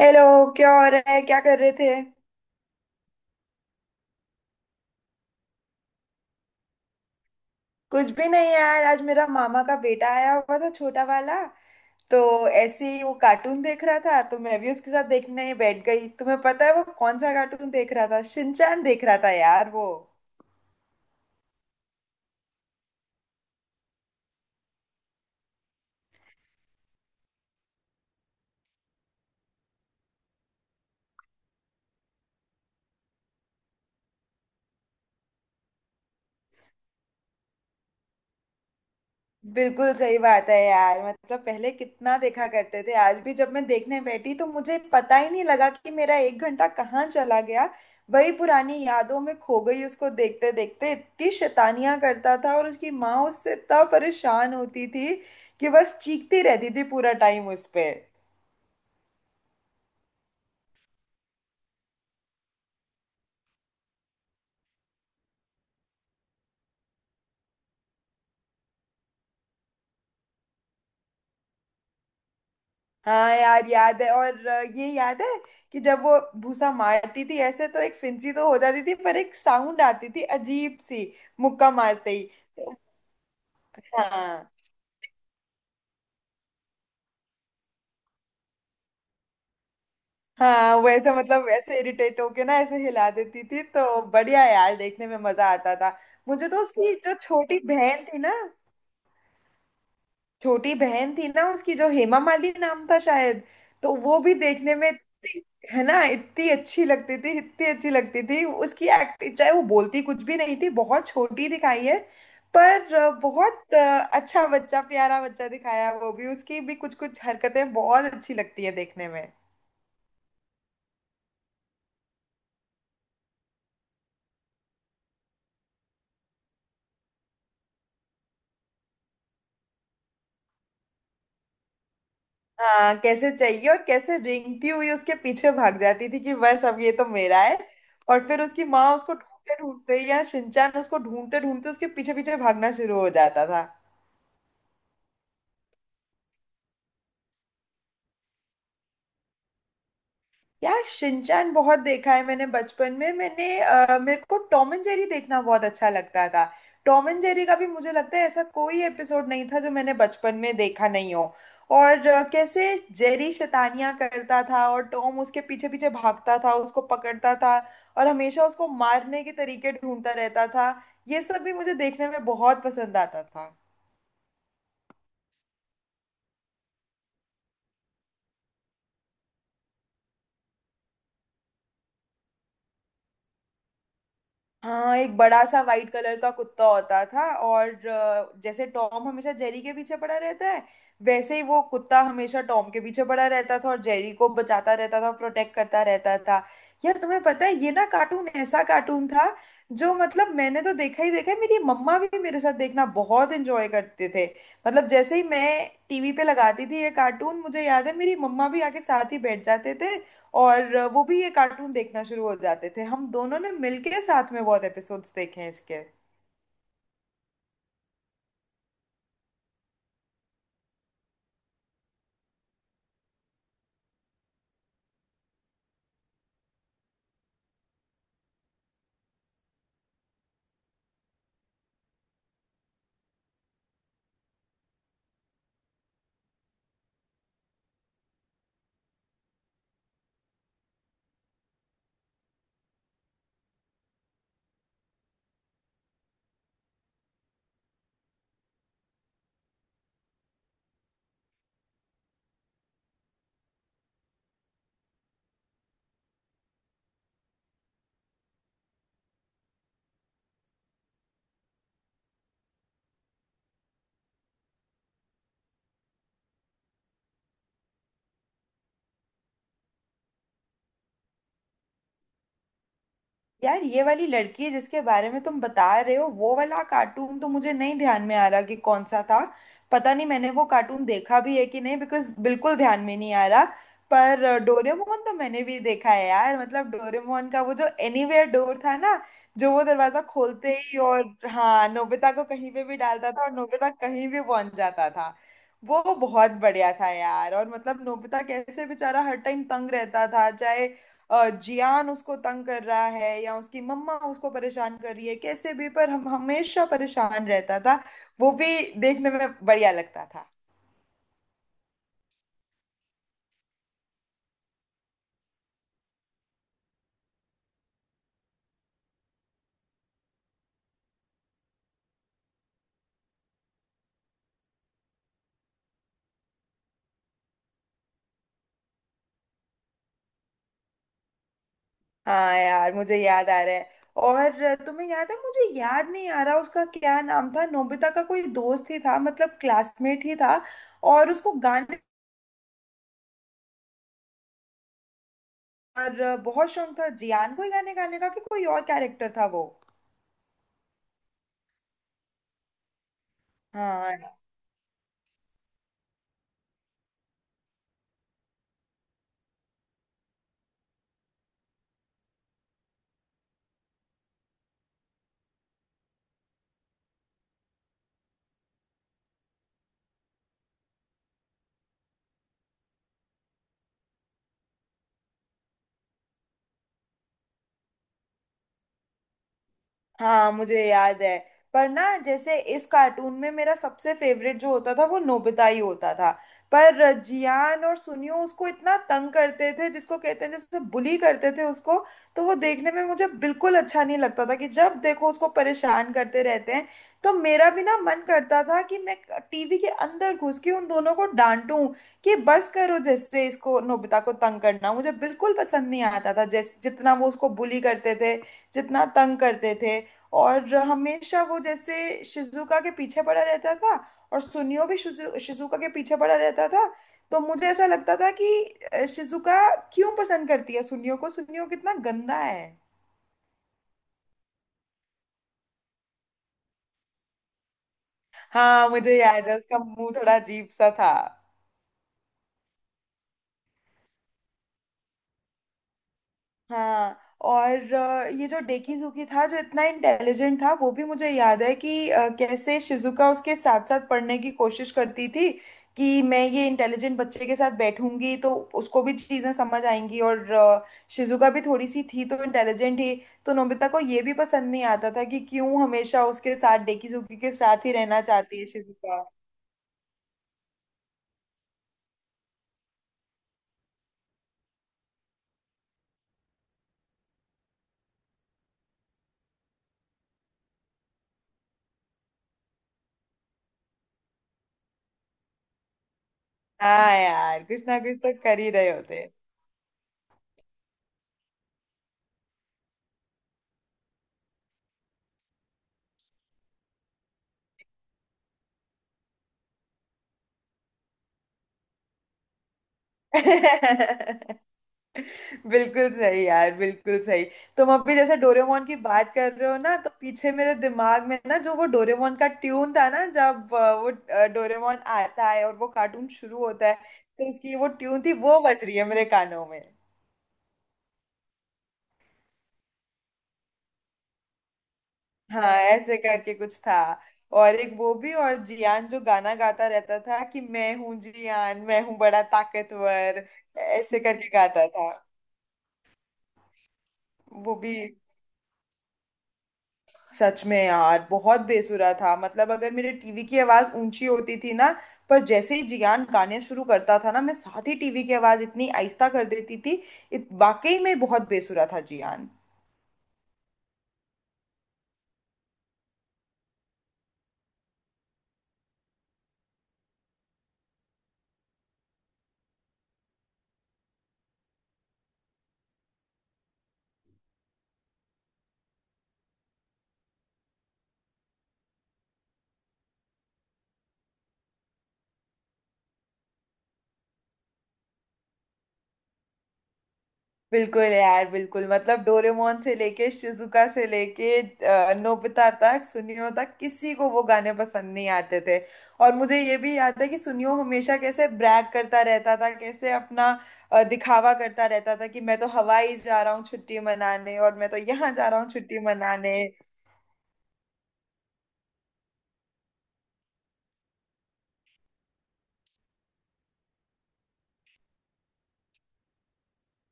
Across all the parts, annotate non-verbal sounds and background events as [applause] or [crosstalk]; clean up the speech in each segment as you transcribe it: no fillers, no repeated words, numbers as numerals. Hello. क्या हो रहा है, क्या कर रहे थे? कुछ भी नहीं यार, आज मेरा मामा का बेटा आया हुआ था, छोटा वाला। तो ऐसे ही वो कार्टून देख रहा था तो मैं भी उसके साथ देखने बैठ गई। तुम्हें पता है वो कौन सा कार्टून देख रहा था? शिनचैन देख रहा था यार वो। बिल्कुल सही बात है यार, मतलब पहले कितना देखा करते थे। आज भी जब मैं देखने बैठी तो मुझे पता ही नहीं लगा कि मेरा एक घंटा कहाँ चला गया। वही पुरानी यादों में खो गई उसको देखते देखते। इतनी शैतानियां करता था और उसकी माँ उससे इतना परेशान होती थी कि बस चीखती रहती थी पूरा टाइम उस पे। हाँ यार याद है। और ये याद है कि जब वो भूसा मारती थी ऐसे तो एक फिंसी तो हो जाती थी, पर एक साउंड आती थी अजीब सी, मुक्का मारते ही। तो हाँ। हाँ वैसे, मतलब ऐसे इरिटेट होके ना ऐसे हिला देती थी तो बढ़िया यार, देखने में मजा आता था। मुझे तो उसकी जो छोटी बहन थी ना, छोटी बहन थी ना उसकी, जो हेमा माली नाम था शायद, तो वो भी देखने में है ना, इतनी अच्छी लगती थी, इतनी अच्छी लगती थी उसकी एक्टिंग। चाहे वो बोलती कुछ भी नहीं थी, बहुत छोटी दिखाई है, पर बहुत अच्छा बच्चा, प्यारा बच्चा दिखाया वो भी। उसकी भी कुछ कुछ हरकतें बहुत अच्छी लगती है देखने में। हाँ, कैसे चाहिए और कैसे रेंगती हुई उसके पीछे भाग जाती थी कि बस अब ये तो मेरा है। और फिर उसकी माँ उसको ढूंढते ढूंढते या शिनचैन उसको ढूंढते ढूंढते उसके पीछे पीछे भागना शुरू हो जाता था। यार शिनचैन बहुत देखा है मैंने बचपन में। मैंने मेरे को टॉम एंड जेरी देखना बहुत अच्छा लगता था। टॉम एंड जेरी का भी मुझे लगता है ऐसा कोई एपिसोड नहीं था जो मैंने बचपन में देखा नहीं हो। और कैसे जेरी शैतानियां करता था और टॉम उसके पीछे पीछे भागता था, उसको पकड़ता था और हमेशा उसको मारने के तरीके ढूंढता रहता था। ये सब भी मुझे देखने में बहुत पसंद आता था। हाँ, एक बड़ा सा वाइट कलर का कुत्ता होता था, और जैसे टॉम हमेशा जेरी के पीछे पड़ा रहता है, वैसे ही वो कुत्ता हमेशा टॉम के पीछे पड़ा रहता था और जेरी को बचाता रहता था, प्रोटेक्ट करता रहता था। यार तुम्हें पता है ये ना कार्टून, ऐसा कार्टून था जो, मतलब मैंने तो देखा ही देखा है, मेरी मम्मा भी मेरे साथ देखना बहुत एंजॉय करते थे। मतलब जैसे ही मैं टीवी पे लगाती थी ये कार्टून, मुझे याद है मेरी मम्मा भी आके साथ ही बैठ जाते थे और वो भी ये कार्टून देखना शुरू हो जाते थे। हम दोनों ने मिलके साथ में बहुत एपिसोड्स देखे हैं इसके। यार ये वाली लड़की जिसके बारे में तुम बता रहे हो, वो वाला कार्टून तो मुझे नहीं ध्यान में आ रहा कि कौन सा था। पता नहीं मैंने वो कार्टून देखा भी है कि नहीं, बिकॉज बिल्कुल ध्यान में नहीं आ रहा। पर डोरेमोन तो मैंने भी देखा है यार। मतलब डोरेमोन का वो जो एनीवेयर डोर था ना, जो वो दरवाजा खोलते ही और, हाँ, नोबिता को कहीं पे भी डालता था और नोबिता कहीं भी पहुंच जाता था। वो बहुत बढ़िया था यार। और मतलब नोबिता कैसे बेचारा हर टाइम तंग रहता था, चाहे जियान उसको तंग कर रहा है या उसकी मम्मा उसको परेशान कर रही है, कैसे भी पर हम हमेशा परेशान रहता था वो भी। देखने में बढ़िया लगता था। हाँ यार मुझे याद आ रहा है। और तुम्हें याद है, मुझे याद नहीं आ रहा उसका क्या नाम था, नोबिता का कोई दोस्त ही था मतलब क्लासमेट ही था और उसको गाने, और बहुत शौक था जियान को ही गाने गाने का, कि कोई और कैरेक्टर था वो? हाँ। हाँ मुझे याद है। पर ना जैसे इस कार्टून में मेरा सबसे फेवरेट जो होता था वो नोबिता ही होता था, पर जियान और सुनियो उसको इतना तंग करते थे, जिसको कहते हैं जैसे बुली करते थे उसको। तो वो देखने में मुझे बिल्कुल अच्छा नहीं लगता था कि जब देखो उसको परेशान करते रहते हैं। तो मेरा भी ना मन करता था कि मैं टीवी के अंदर घुस के उन दोनों को डांटूं कि बस करो। जैसे इसको, नोबिता को तंग करना मुझे बिल्कुल पसंद नहीं आता था, जैसे जितना वो उसको बुली करते थे, जितना तंग करते थे। और हमेशा वो जैसे शिजुका के पीछे पड़ा रहता था, और सुनियो भी शिजुका के पीछे पड़ा रहता था। तो मुझे ऐसा लगता था कि शिजुका क्यों पसंद करती है सुनियो को, सुनियो कितना गंदा है। हाँ मुझे याद है उसका मुंह थोड़ा अजीब सा था। हाँ। और ये जो डेकीजुकी था जो इतना इंटेलिजेंट था वो भी मुझे याद है, कि कैसे शिजुका उसके साथ साथ पढ़ने की कोशिश करती थी कि मैं ये इंटेलिजेंट बच्चे के साथ बैठूंगी तो उसको भी चीज़ें समझ आएंगी। और शिजुका भी थोड़ी सी थी तो इंटेलिजेंट ही। तो नोबिता को ये भी पसंद नहीं आता था कि क्यों हमेशा उसके साथ, डेकीजुकी के साथ ही रहना चाहती है शिजुका। हाँ यार, कुछ ना कुछ तो कर ही रहे होते हैं। [laughs] बिल्कुल सही यार, बिल्कुल सही। तुम अभी जैसे डोरेमोन की बात कर रहे हो ना, तो पीछे मेरे दिमाग में ना जो वो डोरेमोन का ट्यून था ना, जब वो डोरेमोन आता है और वो कार्टून शुरू होता है तो उसकी वो ट्यून थी, वो बज रही है मेरे कानों में। हाँ, ऐसे करके कुछ था। और एक वो भी, और जियान जो गाना गाता रहता था कि मैं हूँ जियान, मैं हूँ बड़ा ताकतवर, ऐसे करके गाता था। वो भी सच में यार बहुत बेसुरा था। मतलब अगर मेरे टीवी की आवाज ऊंची होती थी ना, पर जैसे ही जियान गाने शुरू करता था ना, मैं साथ ही टीवी की आवाज इतनी आहिस्ता कर देती थी। वाकई में बहुत बेसुरा था जियान। बिल्कुल यार, बिल्कुल, मतलब डोरेमोन से लेके, शिजुका से लेके, नोबिता तक, सुनियो तक, किसी को वो गाने पसंद नहीं आते थे। और मुझे ये भी याद है कि सुनियो हमेशा कैसे ब्रैग करता रहता था, कैसे अपना दिखावा करता रहता था कि मैं तो हवाई जा रहा हूँ छुट्टी मनाने, और मैं तो यहाँ जा रहा हूँ छुट्टी मनाने।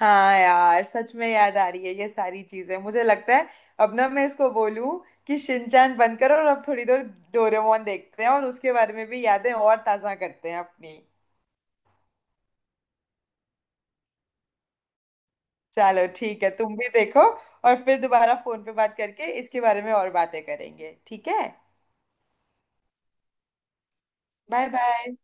हाँ यार सच में याद आ रही है ये सारी चीजें। मुझे लगता है अब ना मैं इसको बोलूं कि शिनचैन बंद करो और अब थोड़ी देर डोरेमोन देखते हैं, और उसके बारे में भी यादें और ताजा करते हैं अपनी। चलो ठीक है, तुम भी देखो और फिर दोबारा फोन पे बात करके इसके बारे में और बातें करेंगे, ठीक है। Bye bye.